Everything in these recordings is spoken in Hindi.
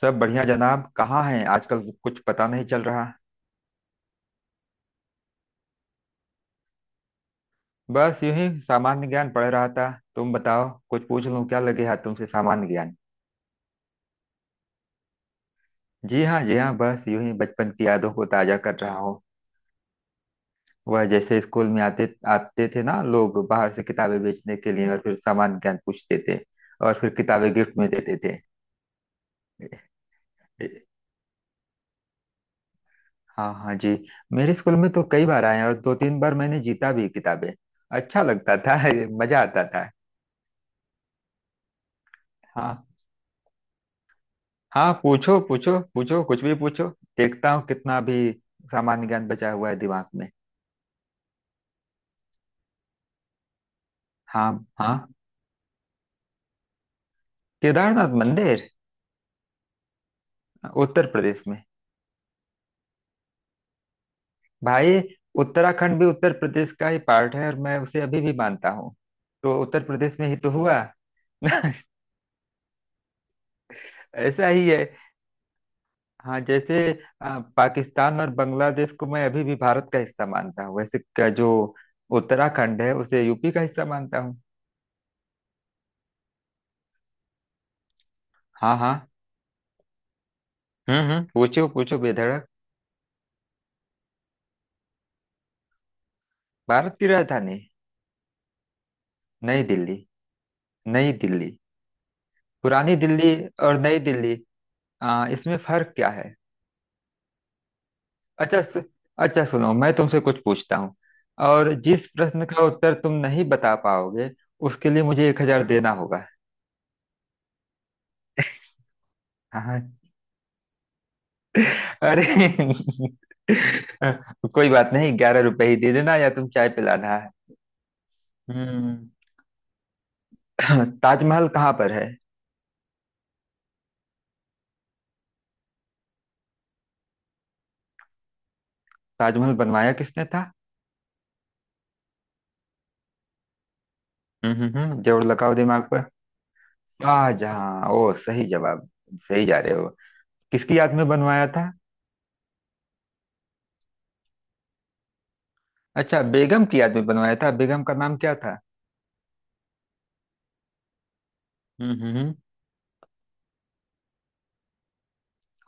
सब बढ़िया जनाब। कहाँ हैं आजकल? कुछ पता नहीं चल रहा। बस यूं ही सामान्य ज्ञान पढ़ रहा था। तुम बताओ कुछ पूछ लूं क्या, लगे हाथ तुमसे सामान्य ज्ञान। जी हाँ जी हाँ, बस यूं ही बचपन की यादों को ताजा कर रहा हूँ। वह जैसे स्कूल में आते आते थे ना लोग बाहर से किताबें बेचने के लिए, और फिर सामान्य ज्ञान पूछते थे। और फिर किताबें गिफ्ट में देते थे। हाँ हाँ जी। मेरे स्कूल में तो कई बार आए हैं और दो तीन बार मैंने जीता भी किताबें। अच्छा लगता था। मजा आता था। हाँ हाँ, पूछो पूछो पूछो कुछ भी पूछो। देखता हूँ कितना भी सामान्य ज्ञान बचा हुआ है दिमाग में। हाँ हाँ। केदारनाथ मंदिर उत्तर प्रदेश में। भाई, उत्तराखंड भी उत्तर प्रदेश का ही पार्ट है और मैं उसे अभी भी मानता हूँ, तो उत्तर प्रदेश में ही तो हुआ। ऐसा ही है। हाँ, जैसे पाकिस्तान और बांग्लादेश को मैं अभी भी भारत का हिस्सा मानता हूँ, वैसे का जो उत्तराखंड है उसे यूपी का हिस्सा मानता हूँ। हाँ हाँ। पूछो पूछो बेधड़क। भारत की राजधानी नई दिल्ली। नई दिल्ली, पुरानी दिल्ली और नई दिल्ली। इसमें फर्क क्या है? अच्छा सु, अच्छा सुनो मैं तुमसे कुछ पूछता हूँ, और जिस प्रश्न का उत्तर तुम नहीं बता पाओगे उसके लिए मुझे 1000 देना होगा। हाँ हाँ। अरे कोई बात नहीं, 11 रुपए ही दे देना, या तुम चाय पिलाना है। हम्म ताजमहल कहाँ पर है? ताजमहल बनवाया किसने था? जोर लगाओ दिमाग पर। शाहजहां। ओ, सही जवाब। सही जा रहे हो। किसकी याद में बनवाया था? अच्छा, बेगम की याद में बनवाया था। बेगम का नाम क्या था? हम्म हम्म हम्म।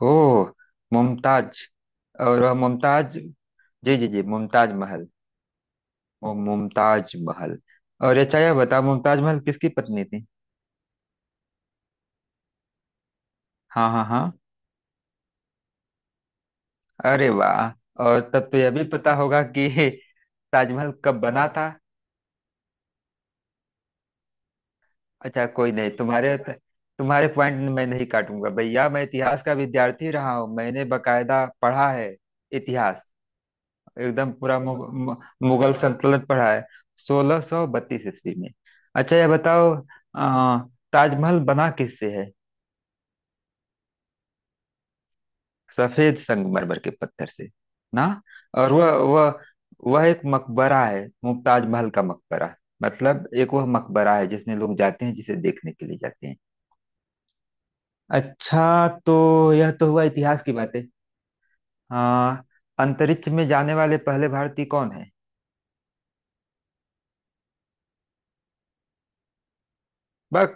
ओह, मुमताज। और वह मुमताज। जी जी जी, मुमताज महल। ओ मुमताज महल। और अच्छा, यह बता मुमताज महल किसकी पत्नी थी? हाँ हाँ हाँ। अरे वाह, और तब तो यह भी पता होगा कि ताजमहल कब बना था? अच्छा कोई नहीं, तुम्हारे तुम्हारे पॉइंट मैं नहीं काटूंगा भैया। मैं इतिहास का विद्यार्थी रहा हूँ, मैंने बकायदा पढ़ा है इतिहास। एकदम पूरा मुगल सल्तनत पढ़ा है। 1632 ईस्वी में। अच्छा ये बताओ, आ, ताजमहल बना किससे है? सफेद संगमरमर के पत्थर से ना। और वह एक मकबरा है, मुमताज महल का मकबरा। मतलब एक वह मकबरा है जिसमें लोग जाते हैं, जिसे देखने के लिए जाते हैं। अच्छा, तो यह तो हुआ इतिहास की बातें। हाँ। अंतरिक्ष में जाने वाले पहले भारतीय कौन है? बस,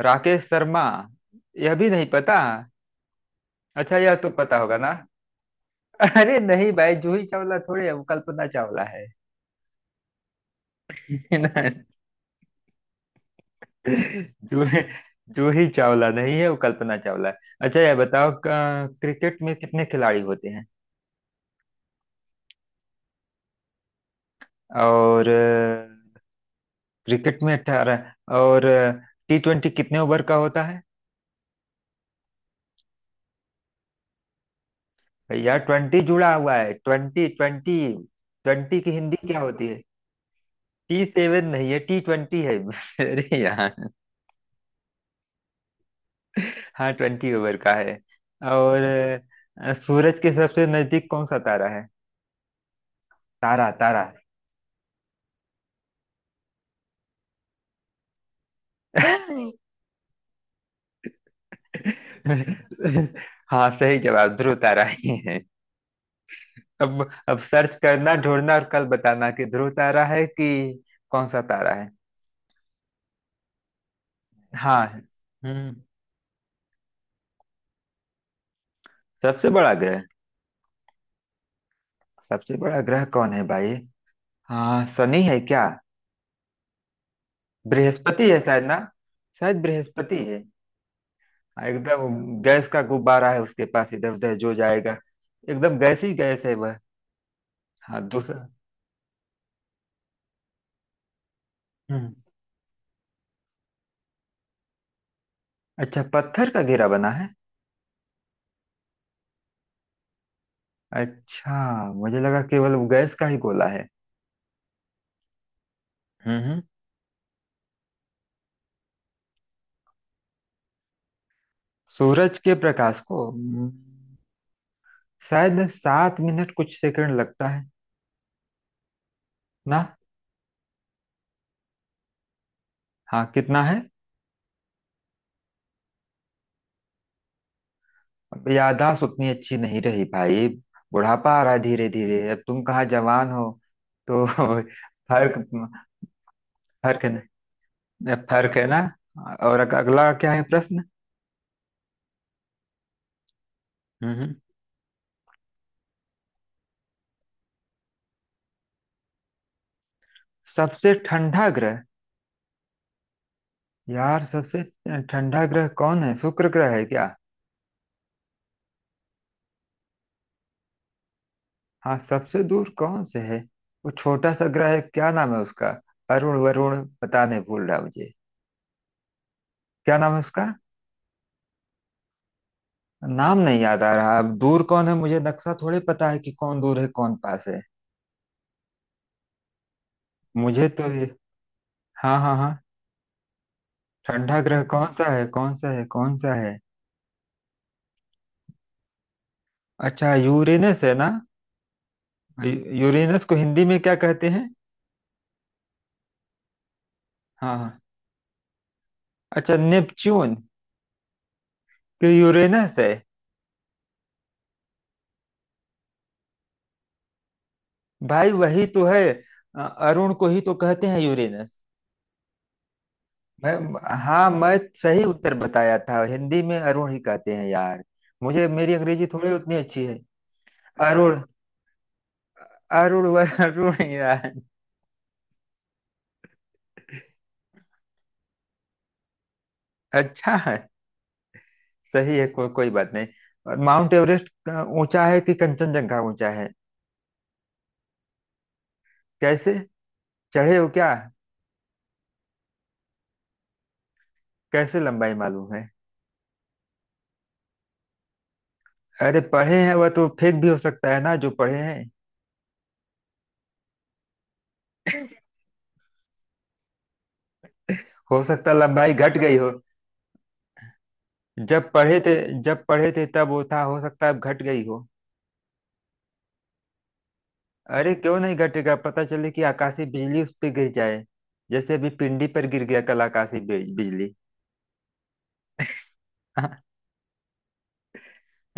राकेश शर्मा। यह भी नहीं पता। अच्छा यह तो पता होगा, जूही ना। अरे नहीं भाई, जूही चावला थोड़े है, वो कल्पना चावला है। ना। जूही, जूही चावला नहीं है, वो कल्पना चावला है। अच्छा यह बताओ, क्रिकेट में कितने खिलाड़ी होते हैं? और क्रिकेट में 18। और टी ट्वेंटी कितने ओवर का होता है? भैया, ट्वेंटी जुड़ा हुआ है, ट्वेंटी ट्वेंटी। ट्वेंटी की हिंदी क्या होती है? टी सेवन नहीं है, टी ट्वेंटी है। अरे यार। हाँ, ट्वेंटी ओवर का है। और सूरज के सबसे नजदीक कौन सा तारा है? तारा, तारा। हाँ, सही जवाब, ध्रुव तारा ही है। अब सर्च करना, ढूंढना, और कल बताना कि ध्रुव तारा है कि कौन सा तारा है। हाँ। हम्म सबसे बड़ा ग्रह। सबसे बड़ा ग्रह कौन है भाई? हाँ, शनि है क्या? बृहस्पति है शायद ना। शायद बृहस्पति है एकदम। गैस का गुब्बारा है, उसके पास इधर उधर जो जाएगा। एकदम गैस ही गैस है वह। हाँ, दूसरा। हम्म अच्छा, पत्थर का घेरा बना है। अच्छा। मुझे लगा केवल वो गैस का ही गोला है। हम्म हम्म। सूरज के प्रकाश को शायद 7 मिनट कुछ सेकंड लगता है ना। हाँ, कितना है? अब याददाश्त उतनी अच्छी नहीं रही भाई। बुढ़ापा आ रहा है धीरे धीरे, अब तुम कहाँ जवान हो। तो फर्क। फर्क है। ये फर्क है ना। और अगला क्या है प्रश्न? हम्म सबसे ठंडा ग्रह। यार, सबसे ठंडा ग्रह कौन है? शुक्र ग्रह है क्या? हाँ, सबसे दूर कौन से है? वो छोटा सा ग्रह है, क्या नाम है उसका? अरुण, वरुण, पता नहीं, भूल रहा मुझे। क्या नाम है उसका? नाम नहीं याद आ रहा। अब दूर कौन है मुझे नक्शा थोड़ी पता है कि कौन दूर है कौन पास है। मुझे तो ये। हाँ हाँ हाँ। ठंडा ग्रह कौन सा है, कौन सा है, कौन सा है? अच्छा, यूरेनस है ना? यूरेनस को हिंदी में क्या कहते हैं? हाँ हाँ। अच्छा, नेपच्यून कि यूरेनस है? भाई, वही तो है। अरुण को ही तो कहते हैं यूरेनस। मैं हाँ, मैं सही उत्तर बताया था, हिंदी में अरुण ही कहते हैं यार। मुझे, मेरी अंग्रेजी थोड़ी उतनी अच्छी है। अरुण। अरुण व अरुण ही यार। अच्छा है। सही है, कोई बात नहीं। और माउंट एवरेस्ट ऊंचा है कि कंचनजंगा ऊंचा है? कैसे, चढ़े हो क्या? कैसे लंबाई मालूम है? अरे पढ़े हैं, वह तो फेक भी हो सकता है ना जो पढ़े हैं। हो सकता है लंबाई घट गई हो। जब पढ़े थे, जब पढ़े थे तब वो था, हो सकता है अब घट गई हो। अरे क्यों नहीं घटेगा, पता चले कि आकाशीय बिजली उस पर गिर जाए। जैसे अभी पिंडी पर गिर गया कल आकाशीय बिजली। हाँ।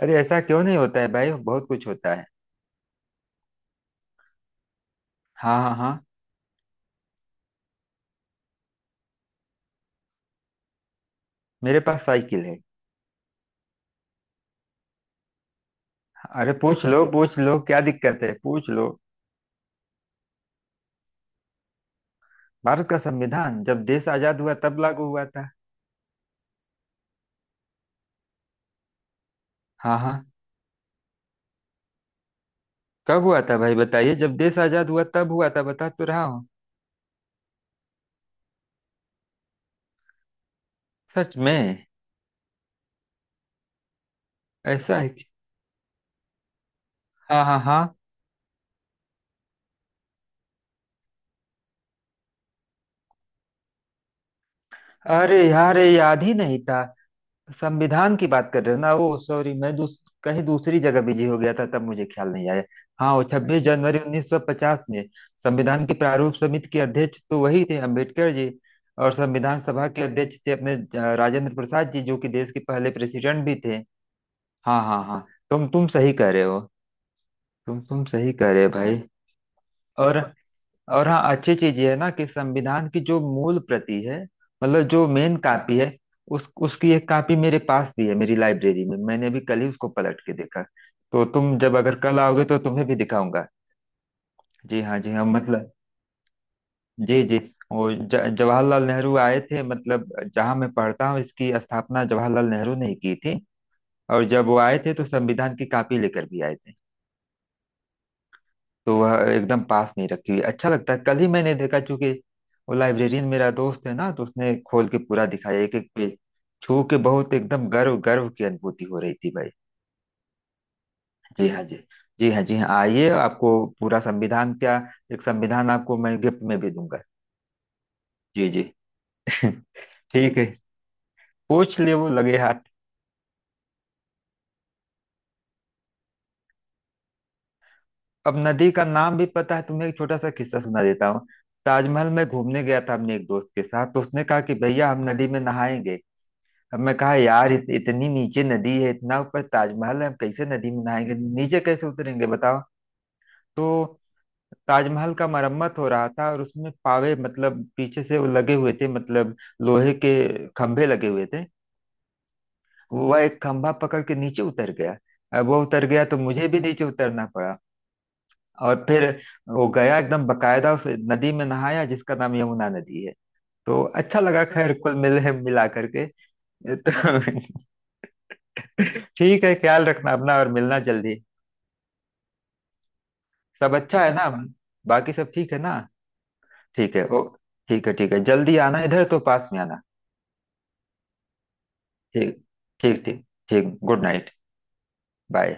अरे ऐसा क्यों नहीं होता है भाई, बहुत कुछ होता है। हाँ हाँ हाँ। मेरे पास साइकिल है। अरे पूछ लो पूछ लो, क्या दिक्कत है, पूछ लो। भारत का संविधान जब देश आजाद हुआ तब लागू हुआ था। हाँ हाँ। कब हुआ था भाई बताइए, जब देश आजाद हुआ तब हुआ था, बता तो रहा हूँ। सच में? ऐसा है। हाँ हाँ हाँ। अरे यार, ये याद ही नहीं था। संविधान की बात कर रहे हो ना। ओ सॉरी, मैं कहीं दूसरी जगह बिजी हो गया था तब मुझे ख्याल नहीं आया। हाँ, वो 26 जनवरी 1950 में। संविधान की प्रारूप समिति के अध्यक्ष तो वही थे, अम्बेडकर जी। और संविधान सभा के अध्यक्ष थे अपने राजेंद्र प्रसाद जी, जो कि देश के पहले प्रेसिडेंट भी थे। हाँ हाँ हाँ, तुम सही कह रहे हो। तुम सही कह रहे हो भाई। और हाँ, अच्छी चीज ये है ना कि संविधान की जो मूल प्रति है, मतलब जो मेन कॉपी है, उस उसकी एक कॉपी मेरे पास भी है, मेरी लाइब्रेरी में। मैंने अभी कल ही उसको पलट के देखा। तो तुम जब अगर कल आओगे तो तुम्हें भी दिखाऊंगा। जी हाँ जी हाँ, मतलब, जी जी। वो जवाहरलाल नेहरू आए थे, मतलब जहाँ मैं पढ़ता हूँ इसकी स्थापना जवाहरलाल नेहरू ने ही की थी। और जब वो आए थे तो संविधान की कॉपी लेकर भी आए थे। तो वह एकदम पास में ही रखी हुई है। अच्छा लगता है। कल ही मैंने देखा, चूंकि वो लाइब्रेरियन मेरा दोस्त है ना, तो उसने खोल के पूरा दिखाया, एक एक पेज छू के। बहुत एकदम गर्व गर्व की अनुभूति हो रही थी भाई। जी हाँ जी। जी हाँ जी हाँ, आइए आपको पूरा संविधान क्या, एक संविधान आपको मैं गिफ्ट में भी दूंगा। जी जी। ठीक है, पूछ लिए वो लगे हाथ। अब नदी का नाम भी पता है तुम्हें? एक छोटा सा किस्सा सुना देता हूँ। ताजमहल में घूमने गया था अपने एक दोस्त के साथ, तो उसने कहा कि भैया हम नदी में नहाएंगे। अब मैं कहा यार, इतनी नीचे नदी है, इतना ऊपर ताजमहल है, हम कैसे नदी में नहाएंगे, नीचे कैसे उतरेंगे बताओ। तो ताजमहल का मरम्मत हो रहा था और उसमें पावे, मतलब पीछे से वो लगे हुए थे, मतलब लोहे के खंभे लगे हुए थे। वह एक खंभा पकड़ के नीचे उतर गया। अब वो उतर गया तो मुझे भी नीचे उतरना पड़ा। और फिर वो गया एकदम बकायदा, उस नदी में नहाया जिसका नाम यमुना नदी है। तो अच्छा लगा, खैर कुल मिले मिला करके। तो ठीक है, ख्याल रखना अपना, और मिलना जल्दी। सब अच्छा है ना? बाकी सब ठीक है ना? ठीक है, ओ ठीक है ठीक है, जल्दी आना, इधर तो पास में आना। ठीक ठीक। ठीक ठीक, गुड नाइट। बाय।